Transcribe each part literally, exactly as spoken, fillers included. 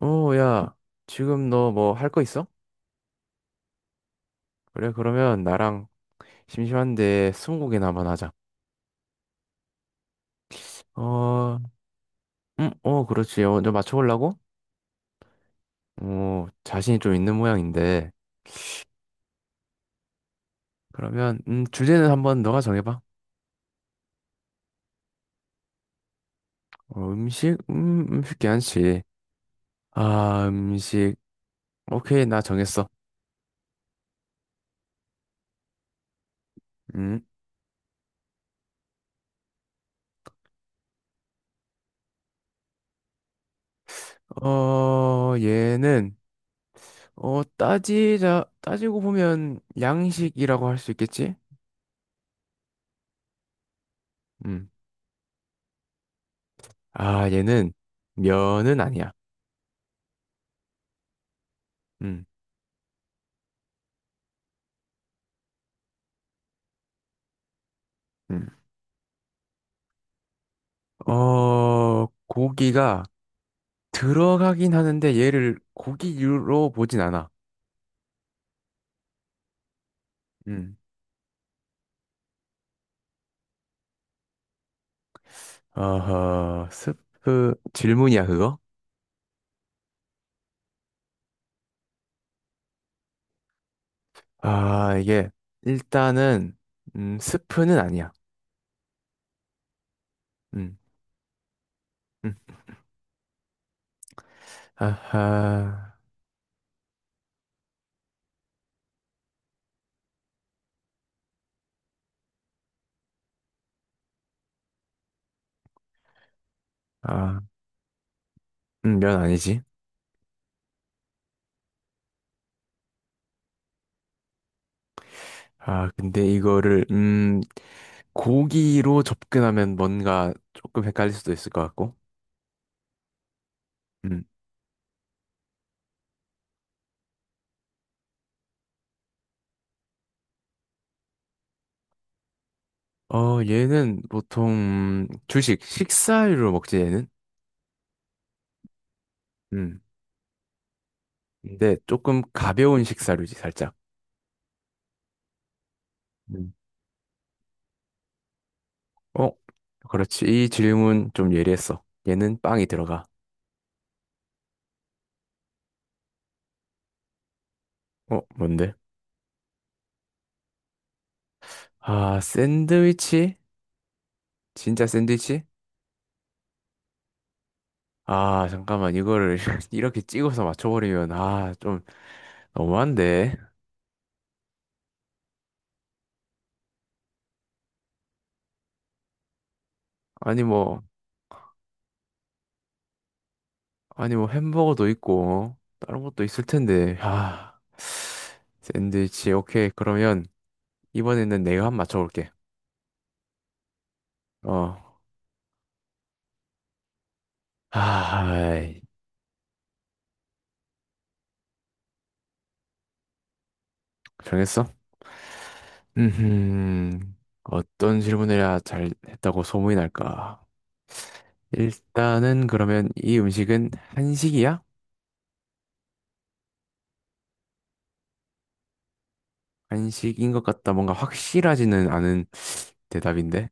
어, 야, 지금 너 뭐 할 거 있어? 그래, 그러면 나랑 심심한데 스무고개나 한번 하자. 어, 음, 어, 그렇지. 먼저 맞춰보려고? 어, 자신이 좀 있는 모양인데. 그러면, 음, 주제는 한번 너가 정해봐. 어, 음식? 음, 음식 괜찮지. 아, 음식. 오케이, 나 정했어. 음, 어, 얘는, 어, 따지자, 따지고 보면 양식이라고 할 수 있겠지? 음, 아, 얘는 면은 아니야. 음. 음. 어, 고기가 들어가긴 하는데 얘를 고기류로 보진 않아. 음. 어허, 스프, 질문이야, 그거? 아, 이게, 일단은, 음, 스프는 아니야. 음, 음. 아하, 아, 음, 면 아니지. 아, 근데 이거를, 음, 고기로 접근하면 뭔가 조금 헷갈릴 수도 있을 것 같고. 음. 어, 얘는 보통, 음, 주식, 식사류로 먹지, 얘는? 근데 조금 가벼운 식사류지, 살짝. 음. 어? 그렇지. 이 질문 좀 예리했어. 얘는 빵이 들어가. 어? 뭔데? 아, 샌드위치? 진짜 샌드위치? 아, 잠깐만. 이거를 이렇게 찍어서 맞춰버리면, 아, 좀 너무한데? 아니, 뭐, 아니, 뭐, 햄버거도 있고, 어, 다른 것도 있을 텐데. 아, 샌드위치. 오케이. 그러면 이번에는 내가 한번 맞춰볼게. 어. 아, 아이, 정했어? 음, 어떤 질문을 해야 잘 했다고 소문이 날까? 일단은 그러면 이 음식은 한식이야? 한식인 것 같다. 뭔가 확실하지는 않은 대답인데.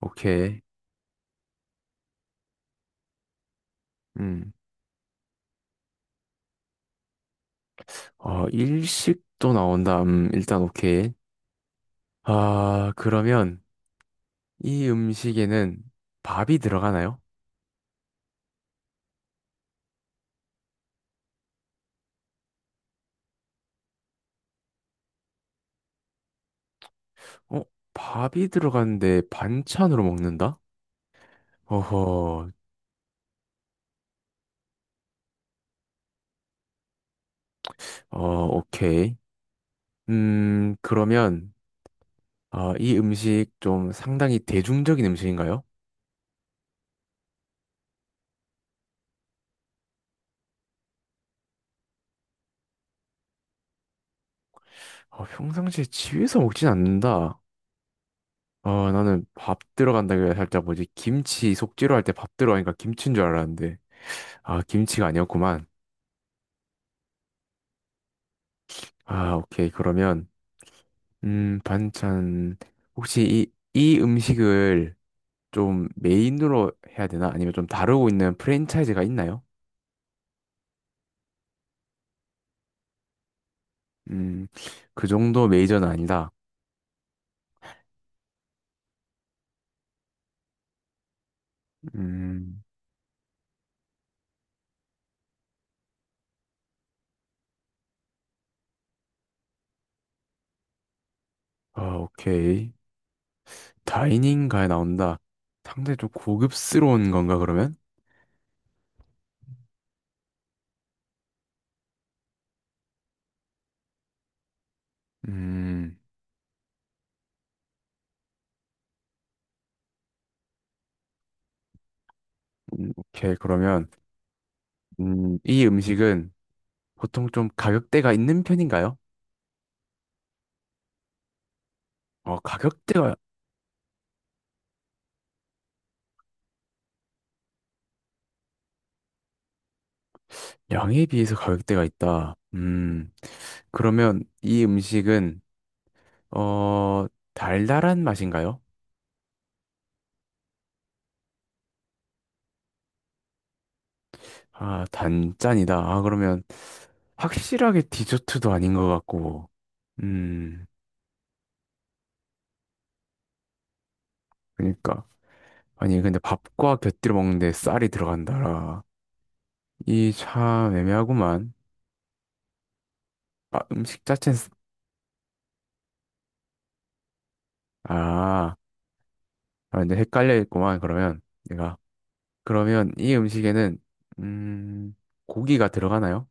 오케이. 음, 어, 일식도 나온다. 음, 일단 오케이. 아, 그러면 이 음식에는 밥이 들어가나요? 어, 밥이 들어가는데 반찬으로 먹는다? 어허, 어, 오케이. 음, 그러면 아, 이 음식 좀 상당히 대중적인 음식인가요? 아, 평상시에 집에서 먹진 않는다. 아, 나는 밥 들어간다길래 살짝 뭐지? 김치 속재료 할 때 밥 들어가니까 김치인 줄 알았는데. 아, 김치가 아니었구만. 아, 오케이. 그러면, 음, 반찬. 혹시 이, 이 음식을 좀 메인으로 해야 되나? 아니면 좀 다루고 있는 프랜차이즈가 있나요? 음, 그 정도 메이저는 아니다. 음, 아, 오케이. 다이닝가에 나온다. 상당히 좀 고급스러운 건가, 그러면? 음, 음, 오케이, 그러면, 음, 이 음식은 보통 좀 가격대가 있는 편인가요? 어, 가격대가, 양에 비해서 가격대가 있다. 음, 그러면 이 음식은, 어, 달달한 맛인가요? 아, 단짠이다. 아, 그러면 확실하게 디저트도 아닌 것 같고, 음, 그러니까. 아니, 근데 밥과 곁들여 먹는데 쌀이 들어간다라. 이 참 애매하구만. 아, 음식 자체는, 쓰- 아, 아, 근데 헷갈려 있구만, 그러면. 내가. 그러면 이 음식에는, 음, 고기가 들어가나요?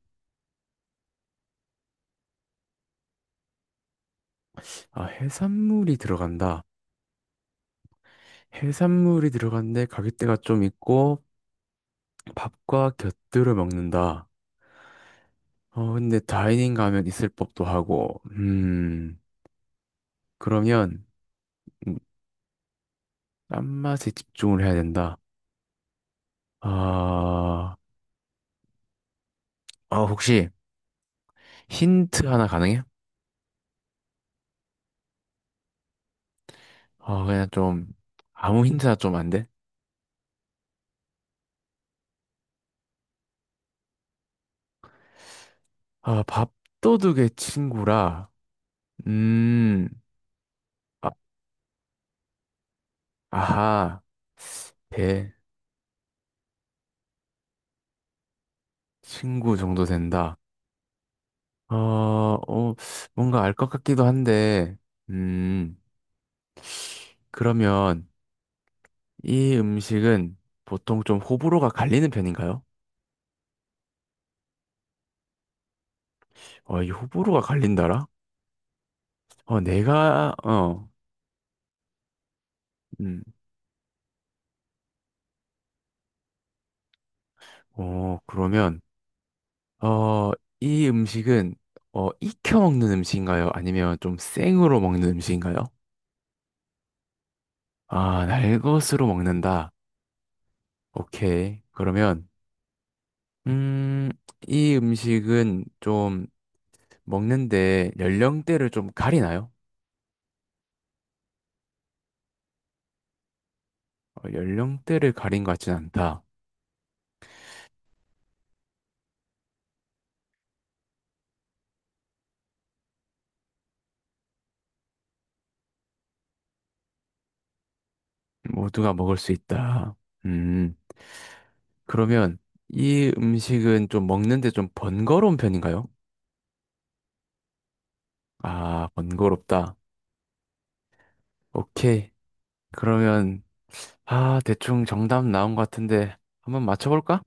아, 해산물이 들어간다. 해산물이 들어간데 가격대가 좀 있고, 밥과 곁들여 먹는다. 어, 근데 다이닝 가면 있을 법도 하고, 음, 그러면, 음, 딴맛에 집중을 해야 된다. 아, 아, 혹시 힌트 하나 가능해? 아, 그냥 좀, 아무 힌트나 좀 안 돼? 아, 밥도둑의 친구라, 음, 아, 아하, 대, 친구 정도 된다. 어, 어, 뭔가 알 것 같기도 한데, 음, 그러면 이 음식은 보통 좀 호불호가 갈리는 편인가요? 어, 이 호불호가 갈린다라? 어, 내가, 어, 음, 어, 그러면, 어, 이 음식은 어, 익혀 먹는 음식인가요? 아니면 좀 생으로 먹는 음식인가요? 아, 날것으로 먹는다. 오케이. 그러면 음, 이 음식은 좀 먹는데 연령대를 좀 가리나요? 어, 연령대를 가린 것 같진 않다. 모두가 먹을 수 있다. 음, 그러면 이 음식은 좀 먹는데 좀 번거로운 편인가요? 아, 번거롭다. 오케이. 그러면 아, 대충 정답 나온 것 같은데 한번 맞춰볼까?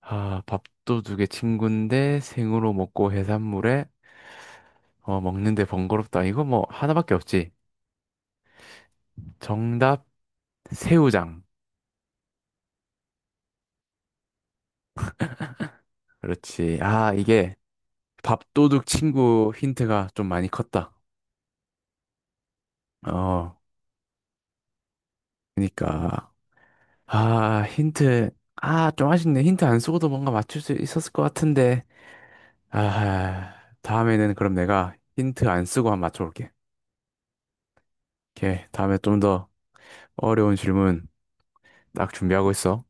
아, 밥도둑의 친구인데 생으로 먹고 해산물에 어, 먹는데 번거롭다. 이거 뭐 하나밖에 없지. 정답 새우장. 그렇지. 아, 이게 밥도둑 친구 힌트가 좀 많이 컸다. 어, 그러니까 아, 힌트 아, 좀 아쉽네. 힌트 안 쓰고도 뭔가 맞출 수 있었을 것 같은데. 아, 다음에는 그럼 내가 힌트 안 쓰고 한번 맞춰볼게. 오케이. 다음에 좀더 어려운 질문 딱 준비하고 있어.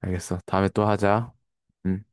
알겠어. 다음에 또 하자. 응.